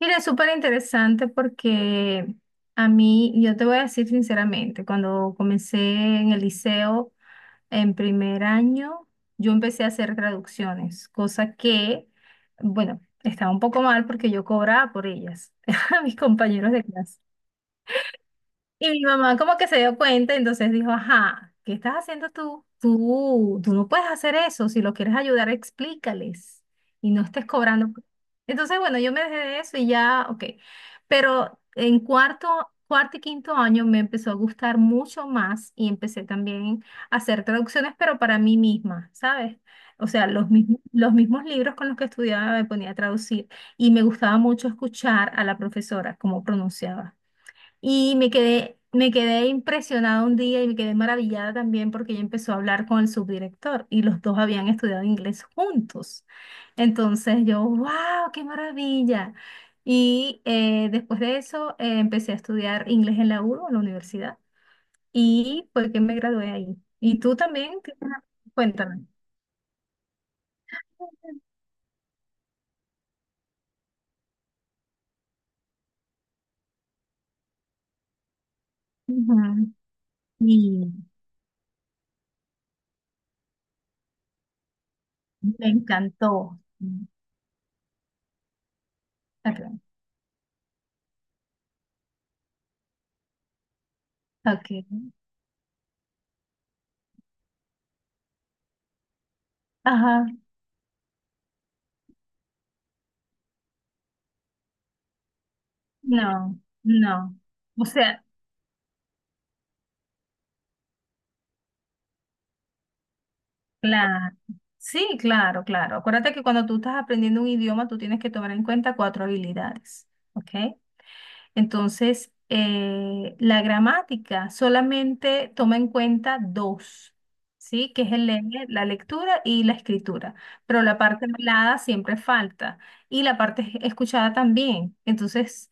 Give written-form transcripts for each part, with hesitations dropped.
Mira, es súper interesante porque a mí, yo te voy a decir sinceramente, cuando comencé en el liceo en primer año, yo empecé a hacer traducciones, cosa que, bueno, estaba un poco mal porque yo cobraba por ellas a mis compañeros de clase. Y mi mamá como que se dio cuenta, entonces dijo, ajá, ¿qué estás haciendo tú? Tú no puedes hacer eso, si lo quieres ayudar, explícales y no estés cobrando. Entonces, bueno, yo me dejé de eso y ya, ok. Pero en cuarto y quinto año me empezó a gustar mucho más y empecé también a hacer traducciones, pero para mí misma, ¿sabes? O sea, los mismos libros con los que estudiaba me ponía a traducir y me gustaba mucho escuchar a la profesora cómo pronunciaba. Y me quedé impresionada un día y me quedé maravillada también porque ella empezó a hablar con el subdirector y los dos habían estudiado inglés juntos. Entonces yo, wow, qué maravilla. Y después de eso empecé a estudiar inglés en la U, D O, en la universidad, y fue que me gradué ahí. ¿Y tú también? ¿Qué- Cuéntame. Ujú. Y me encantó. Ok. Ok. Ajá. No, no. O sea, claro. Sí, claro, claro. Acuérdate que cuando tú estás aprendiendo un idioma, tú tienes que tomar en cuenta cuatro habilidades, ¿ok? Entonces, la gramática solamente toma en cuenta dos, ¿sí? Que es el leer, la lectura y la escritura. Pero la parte hablada siempre falta y la parte escuchada también. Entonces,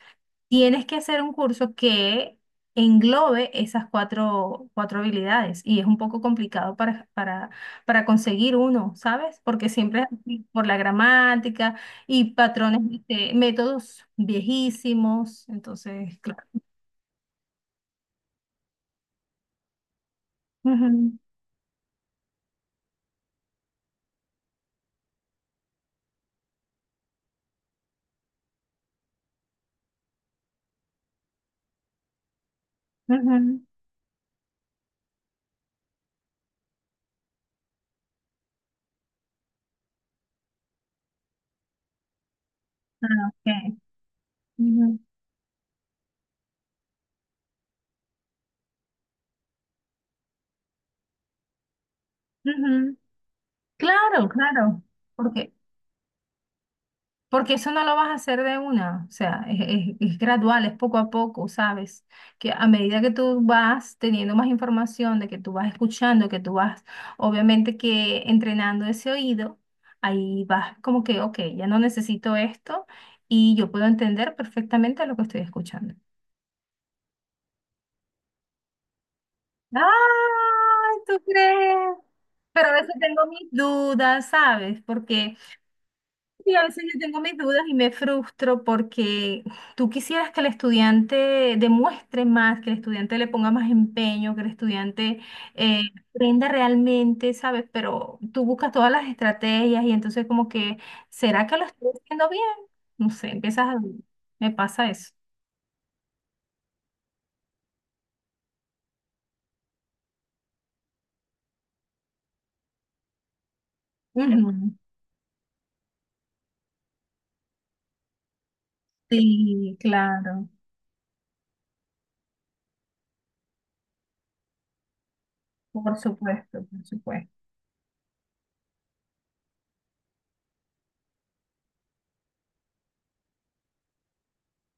tienes que hacer un curso que englobe esas cuatro habilidades y es un poco complicado para conseguir uno, ¿sabes? Porque siempre por la gramática y patrones, este, métodos viejísimos, entonces, claro. Ujú, ujú. Ah, ok. Ujú, ujú. Claro, claro. ¿Por qué? Porque eso no lo vas a hacer de una, o sea, es, es gradual, es poco a poco, ¿sabes? Que a medida que tú vas teniendo más información, de que tú vas escuchando, que tú vas, obviamente que entrenando ese oído, ahí vas como que, ok, ya no necesito esto y yo puedo entender perfectamente lo que estoy escuchando. Ay, ¿tú crees? Pero a veces tengo mis dudas, ¿sabes? Porque sí, a veces yo tengo mis dudas y me frustro porque tú quisieras que el estudiante demuestre más, que el estudiante le ponga más empeño, que el estudiante eh, aprenda realmente, ¿sabes? Pero tú buscas todas las estrategias y entonces como que, ¿será que lo estoy haciendo bien? No sé, empiezas a... Me pasa eso. Ujú. Sí, claro. Por supuesto, por supuesto.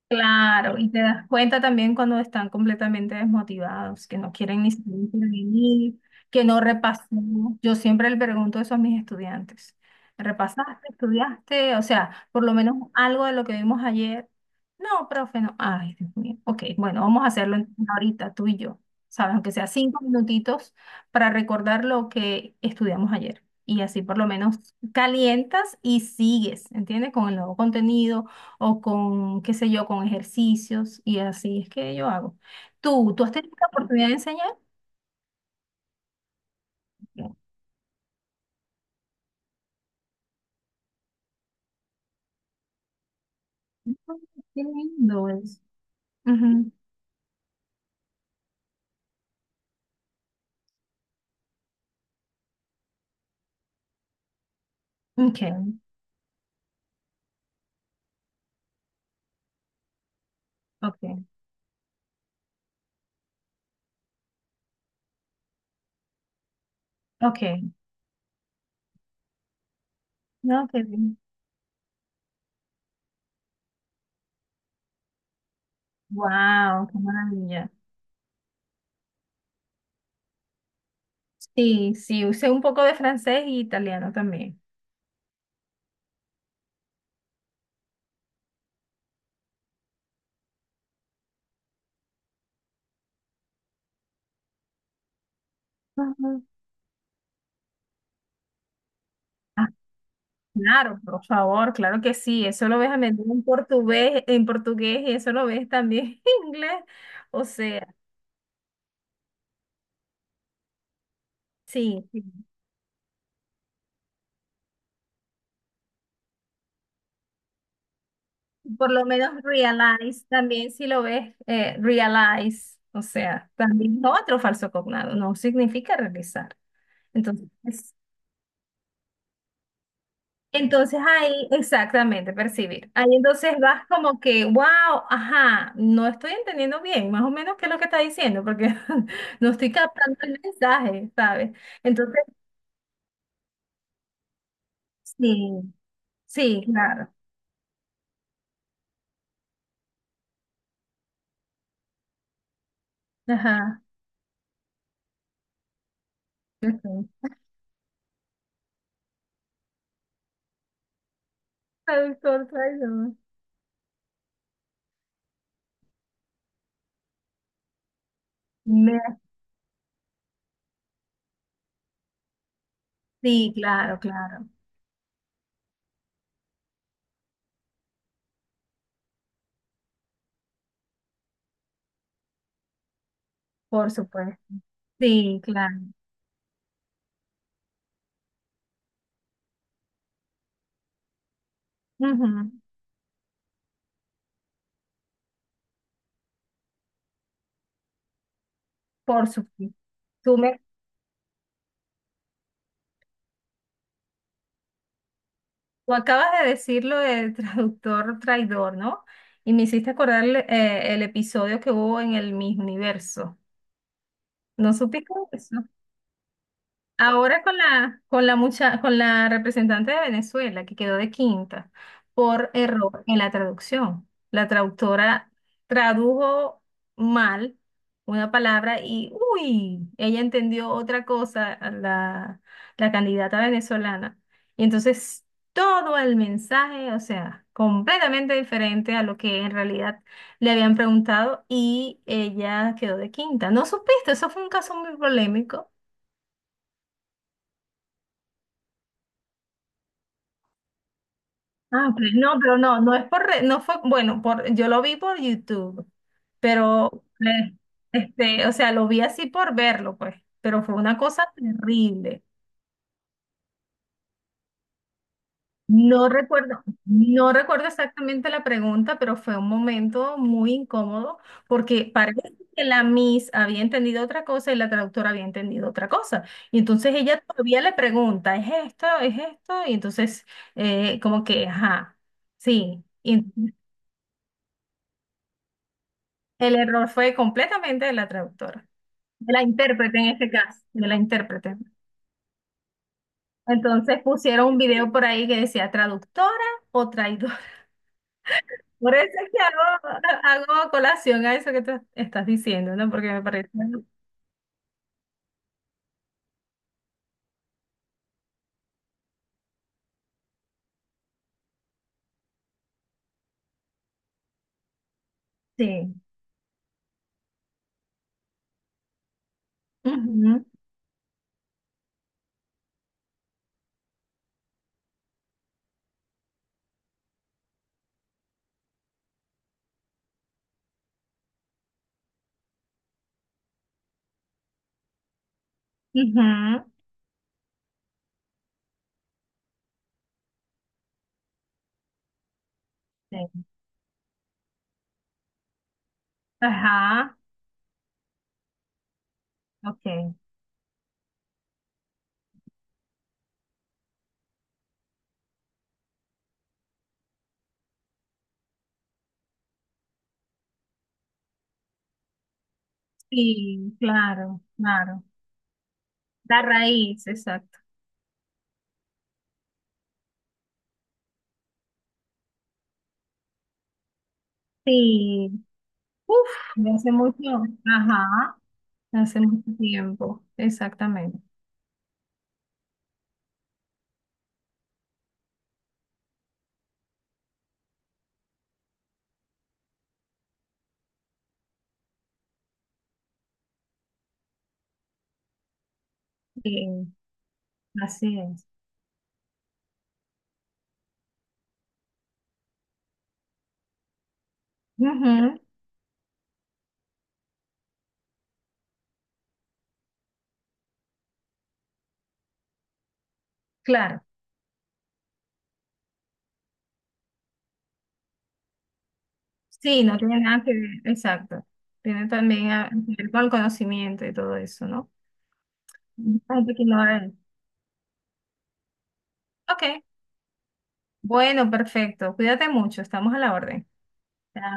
Claro, y te das cuenta también cuando están completamente desmotivados, que no quieren ni siquiera intervenir, que no repasó. Yo siempre le pregunto eso a mis estudiantes. ¿Repasaste? ¿Estudiaste? O sea, por lo menos algo de lo que vimos ayer. No, profe, no. Ay, Dios mío. Ok, bueno, vamos a hacerlo entonces ahorita, tú y yo. ¿Sabes? Aunque sea 5 minutitos para recordar lo que estudiamos ayer. Y así por lo menos calientas y sigues, ¿entiendes? Con el nuevo contenido o con, qué sé yo, con ejercicios y así es que yo hago. ¿Tú has tenido la oportunidad de enseñar? No. Ah, qué lindo es. Ujú. Ok, ok, ok. No, qué bien. Wow, qué maravilla. Sí, sí, usé un poco de francés y italiano también. Ujú. Ah, claro, por favor, claro que sí. Eso lo ves a menudo en portugués, y eso lo ves también en inglés. O sea, sí. Sí. Por lo menos Realize, también si lo ves, Realize, o sea, también es otro falso cognado, no significa realizar. Entonces, entonces ahí, exactamente, percibir. Ahí entonces vas como que, wow, ajá, no estoy entendiendo bien, más o menos qué es lo que está diciendo, porque no estoy captando el mensaje, ¿sabes? Entonces, sí, sí, claro. Ajá. Ok. Traductor, traidor. Me- Sí, claro, claro. Por supuesto. Sí, claro. Ujú, por supuesto. Tú me, tú acabas de decirlo del traductor traidor, ¿no? Y me hiciste acordar el episodio que hubo en el Miss Universo. ¿No supiste eso? Ahora con la, con la representante de Venezuela, que quedó de quinta por error en la traducción. La traductora tradujo mal una palabra y, uy, ella entendió otra cosa, la candidata venezolana. Y entonces todo el mensaje, o sea, completamente diferente a lo que en realidad le habían preguntado y ella quedó de quinta. ¿No supiste? Eso fue un caso muy polémico. Ah, ok. No, pero no, no es por, no fue, bueno, por, yo lo vi por YouTube, pero, este, o sea, lo vi así por verlo, pues, pero fue una cosa terrible. No recuerdo exactamente la pregunta, pero fue un momento muy incómodo porque parece que la Miss había entendido otra cosa y la traductora había entendido otra cosa. Y entonces ella todavía le pregunta, ¿es esto? ¿Es esto? Y entonces, como que, ajá, sí. Y el error fue completamente de la traductora, de la intérprete en este caso, de la intérprete. Entonces pusieron un video por ahí que decía traductora o traidora. Por eso es que hago colación a eso que tú estás diciendo, ¿no? Porque me parece. Sí. Ujú, ujú, sí. Ajá, ok. Sí, claro, claro. La raíz, exacto. Sí. Uf, de hace mucho. Ajá, de hace mucho tiempo, exactamente. Sí. Así es. Ujú, claro. Sí, no tiene nada que ver. Exacto. Tiene también que ver con el conocimiento y todo eso, ¿no? Hay gente que ignora eso. Ok. Bueno, perfecto. Cuídate mucho. Estamos a la orden. Chao.